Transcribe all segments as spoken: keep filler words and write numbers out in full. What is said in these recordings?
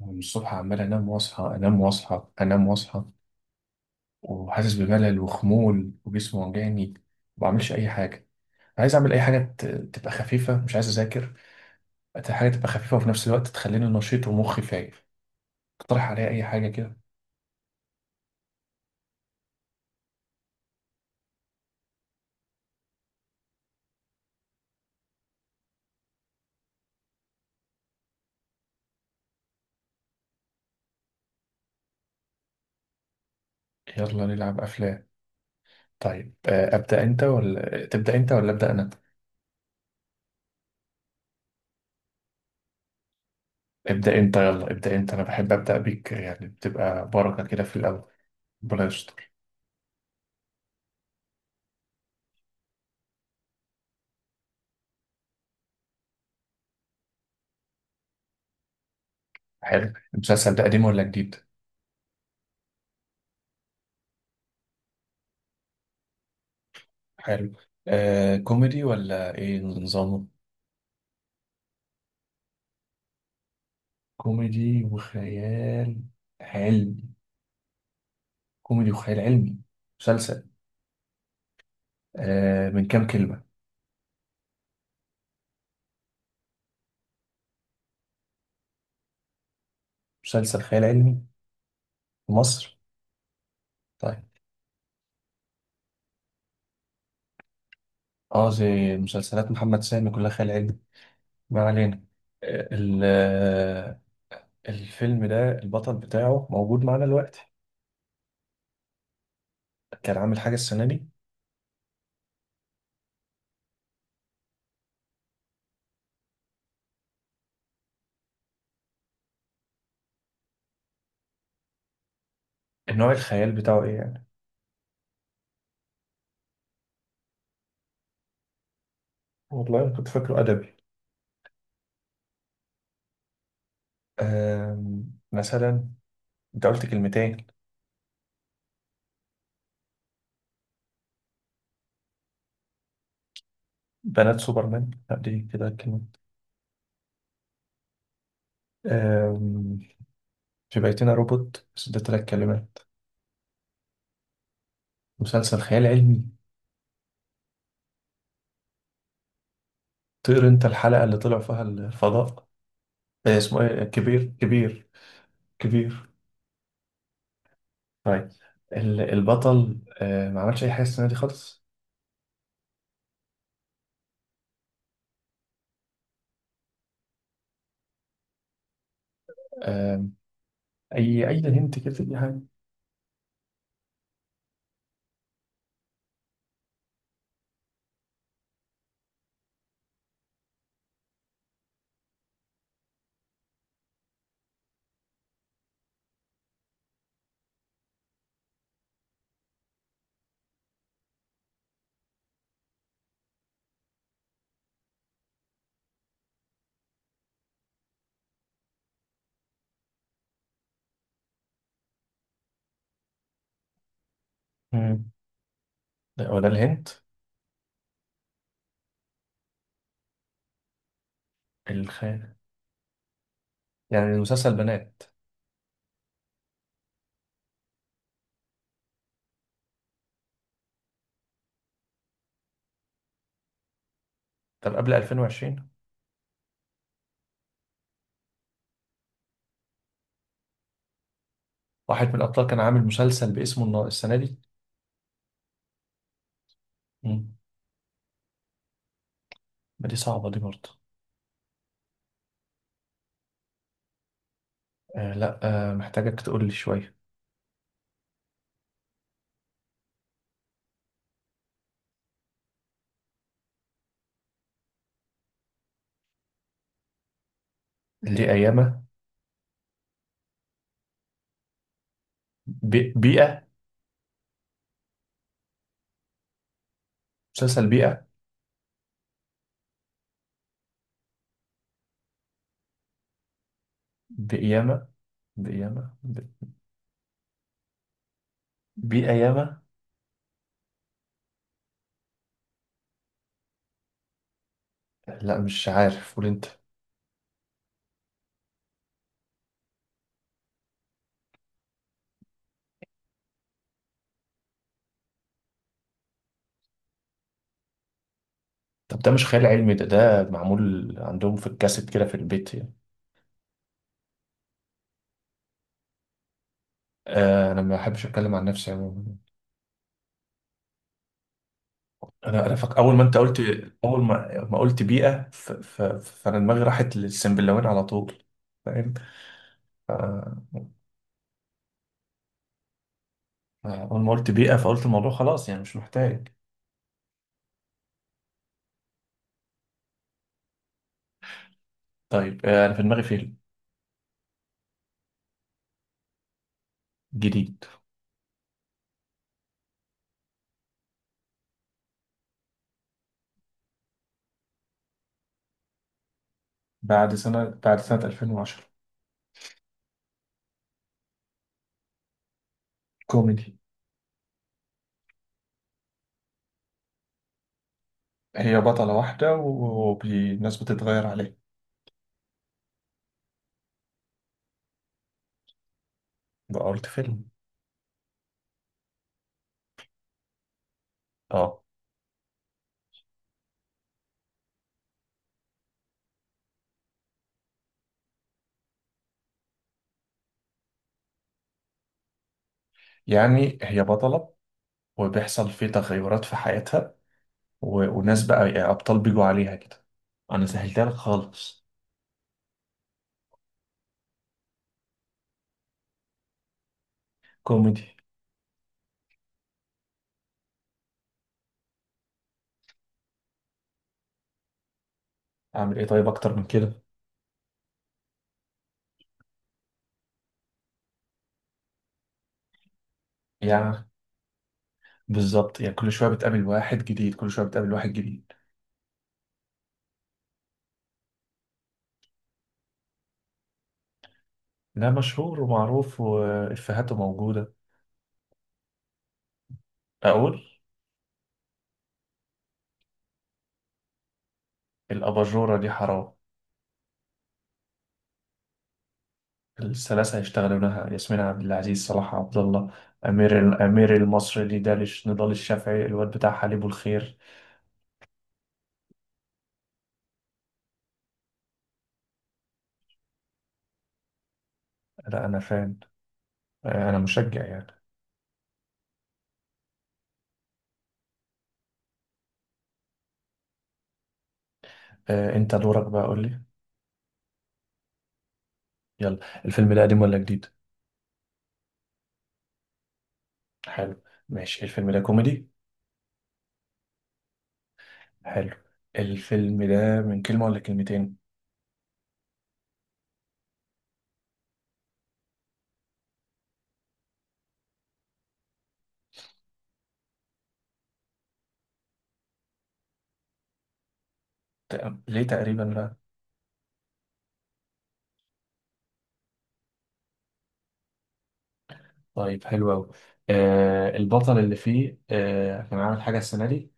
من الصبح عمال انام واصحى انام واصحى انام واصحى، وحاسس بملل وخمول وجسمي وجعني، ما بعملش اي حاجه. عايز اعمل اي حاجه ت- تبقى خفيفه، مش عايز اذاكر. عايز حاجه تبقى خفيفه وفي نفس الوقت تخليني نشيط ومخي فايق. اقترح عليا اي حاجه كده. يلا نلعب افلام. طيب، آه، ابدا انت ولا تبدا انت ولا ابدا انا؟ ابدا انت، يلا ابدا انت، انا بحب ابدا بيك يعني، بتبقى بركه كده في الاول. ربنا يستر. حلو. المسلسل ده قديم ولا جديد؟ حلو. آه، كوميدي ولا ايه نظامه؟ كوميدي وخيال علمي. كوميدي وخيال علمي مسلسل. آه، من كام كلمة؟ مسلسل خيال علمي في مصر؟ طيب. اه، زي مسلسلات محمد سامي كلها خيال علمي. ما علينا. آه ال- آه، الفيلم ده البطل بتاعه موجود معانا دلوقتي؟ كان عامل حاجة السنة دي؟ النوع الخيال بتاعه ايه يعني؟ والله كنت فاكره أدبي. آم، مثلا. انت قلت كلمتين. بنات سوبرمان، لا، دي كده كلمة. في بيتنا روبوت، بس ده تلات كلمات. مسلسل خيال علمي؟ طير انت الحلقة اللي طلع فيها الفضاء. آه، اسمه ايه؟ كبير؟ كبير؟ كبير؟ طيب. ال- البطل، آه، ما عملش اي حاجة السنة دي خالص؟ آه، اي اي هنت كده اي حاجة. مم. لا، هو ده الهنت. الخيال. يعني المسلسل بنات. طب قبل ألفين وعشرين؟ واحد من الابطال كان عامل مسلسل باسمه النا- السنة دي؟ مم. ما دي صعبة دي برضه. آه، لا. آه، محتاجك تقول لي شوية. دي أيامة. بي- بيئة. مسلسل بيئة. بقيامة. بقيامة ب- بقيامة. لا، مش عارف، قول انت. طب ده مش خيال علمي، ده ده معمول عندهم في الكاسيت كده في البيت يعني. آه، انا ما بحبش اتكلم عن نفسي عموما. انا انا فك... اول ما انت قلت. اول ما ما قلت بيئة، ف... ف... فانا دماغي راحت للسنبلاوين على طول. فاهم. ف- اول ما قلت بيئة، فقلت الموضوع خلاص يعني مش محتاج. طيب، آه، انا في دماغي فيلم. جديد. بعد سنة بعد سنة ألفين وعشرة. كوميدي. هي بطلة واحدة والناس بتتغير عليها. ده قلت فيلم. اه. يعني هي بطلة وبيحصل في تغيرات في حياتها و... وناس بقى يعني أبطال بيجوا عليها كده. أنا سهلتها لك خالص. كوميدي. أعمل إيه طيب أكتر من كده؟ يعني بالظبط يعني، كل شوية بتقابل واحد جديد، كل شوية بتقابل واحد جديد. لا، مشهور ومعروف وإفيهاته موجودة. أقول. الأباجورة دي حرام. الثلاثة هيشتغلونها ياسمين عبد العزيز، صلاح عبد الله، أمير الأمير المصري دي دالش، نضال الشافعي، الواد بتاع حليب الخير. لا، أنا فاهم. آه، انا مشجع يعني. آه، انت دورك بقى، قول لي. يلا، الفيلم ده قديم ولا جديد؟ حلو. ماشي. الفيلم ده كوميدي؟ حلو. الفيلم ده من كلمة ولا كلمتين؟ تق- ليه تقريبا بقى؟ طيب حلو أوي. آه، البطل اللي فيه، آه، كان عامل حاجة السنة دي؟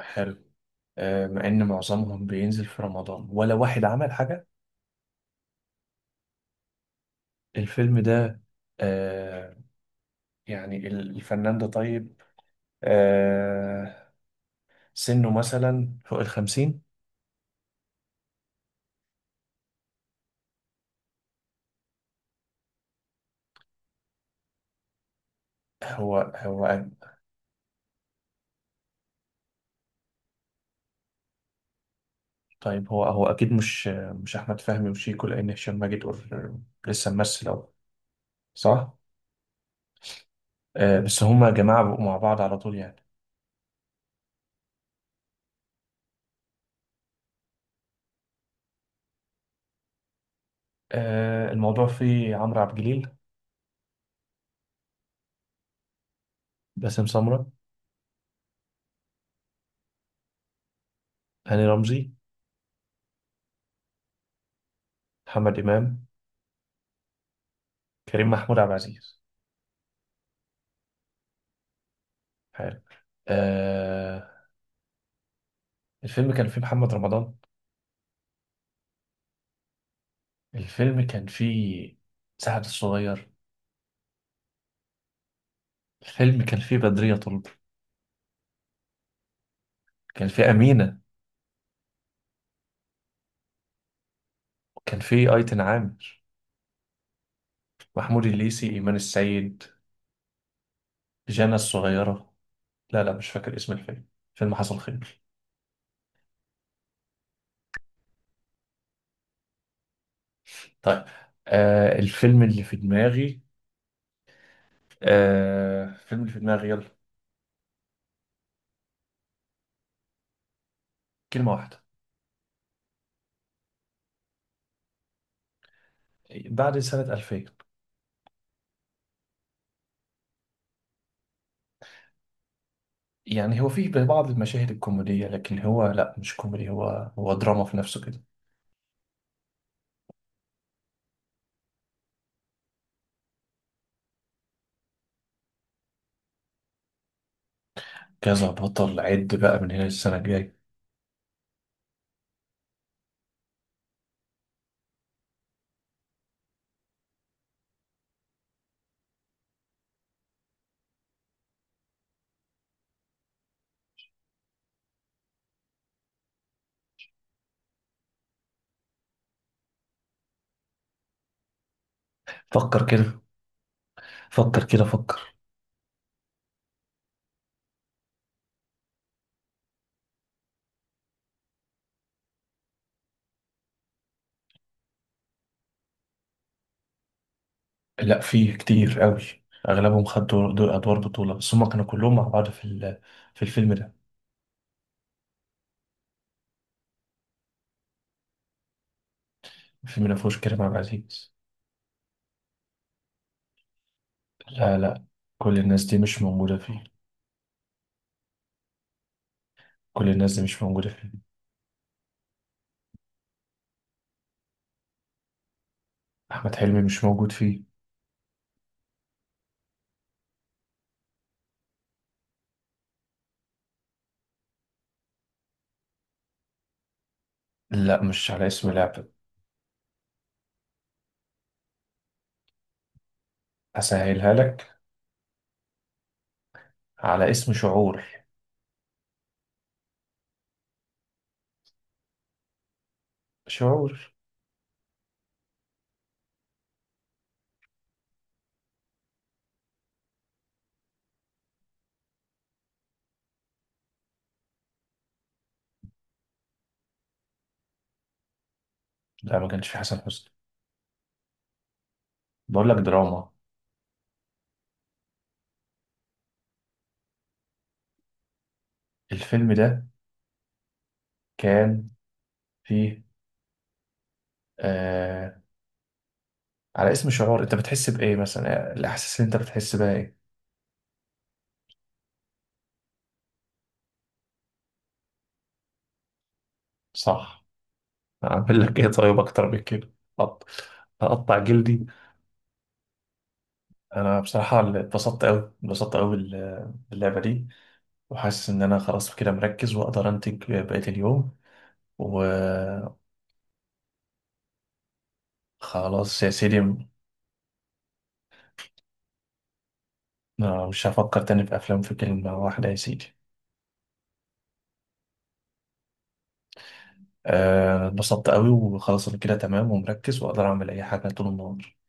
حلو. آه، مع إن معظمهم بينزل في رمضان ولا واحد عمل حاجة. الفيلم ده، آه، يعني ال- الفنان ده طيب، آه، سنه مثلا فوق الخمسين؟ هو هو. طيب هو هو اكيد مش، مش احمد فهمي وشيكو لان هشام ماجد قر- لسه ممثل اهو. صح. آه، بس هما جماعه بقوا مع بعض على طول يعني. آه، الموضوع فيه عمرو عبد الجليل؟ باسم سمره؟ هاني رمزي؟ محمد امام؟ كريم محمود عبد العزيز؟ حلو. آه. الفيلم كان فيه محمد رمضان؟ الفيلم كان فيه سعد الصغير؟ الفيلم كان فيه بدرية طلب؟ كان فيه أمينة؟ كان فيه أيتن عامر؟ محمود الليثي؟ إيمان السيد؟ جانا الصغيرة؟ لا لا، مش فاكر اسم الفيلم. فيلم حصل خير. طيب. آه، الفيلم اللي في دماغي. آه، الفيلم اللي في دماغي، يلا. كلمة واحدة. بعد سنة ألفين. يعني هو فيه بعض المشاهد الكوميدية، لكن هو، لا، مش كوميدي، هو هو دراما في نفسه كده. كذا بطل، عد بقى من هنا السنة الجاية. فكر كده، فكر كده، فكر. لا، فيه كتير قوي. أغلبهم خدوا دور دور- أدوار بطولة، بس هما كانوا كلهم مع بعض في ال- في الفيلم ده. الفيلم ده مفهوش كريم عبد العزيز. لا لا، كل الناس دي مش موجودة فيه. كل الناس دي مش موجودة فيه. أحمد حلمي مش موجود فيه. لا، مش على اسم لعبة. أسهلها لك. على اسم شعور. شعور. لا، ما كانش فيه حسن حسني، بقول لك دراما. الفيلم ده كان فيه، آه، على اسم شعور، أنت بتحس بإيه مثلا؟ الأحاسيس اللي أنت بتحس بها إيه؟ صح. أعمل لك إيه طيب أكتر من كده؟ أط- أقطع جلدي. أنا بصراحة اتبسطت أوي، اتبسطت أوي بال- باللعبة دي، وحاسس إن أنا خلاص كده مركز وأقدر أنتج بقية اليوم. وخلاص. يا سيدي، أنا مش هفكر تاني في أفلام في كلمة واحدة يا سيدي. آه، اتبسطت قوي وخلاص، أنا كده تمام ومركز وأقدر أعمل أي حاجة طول النهار.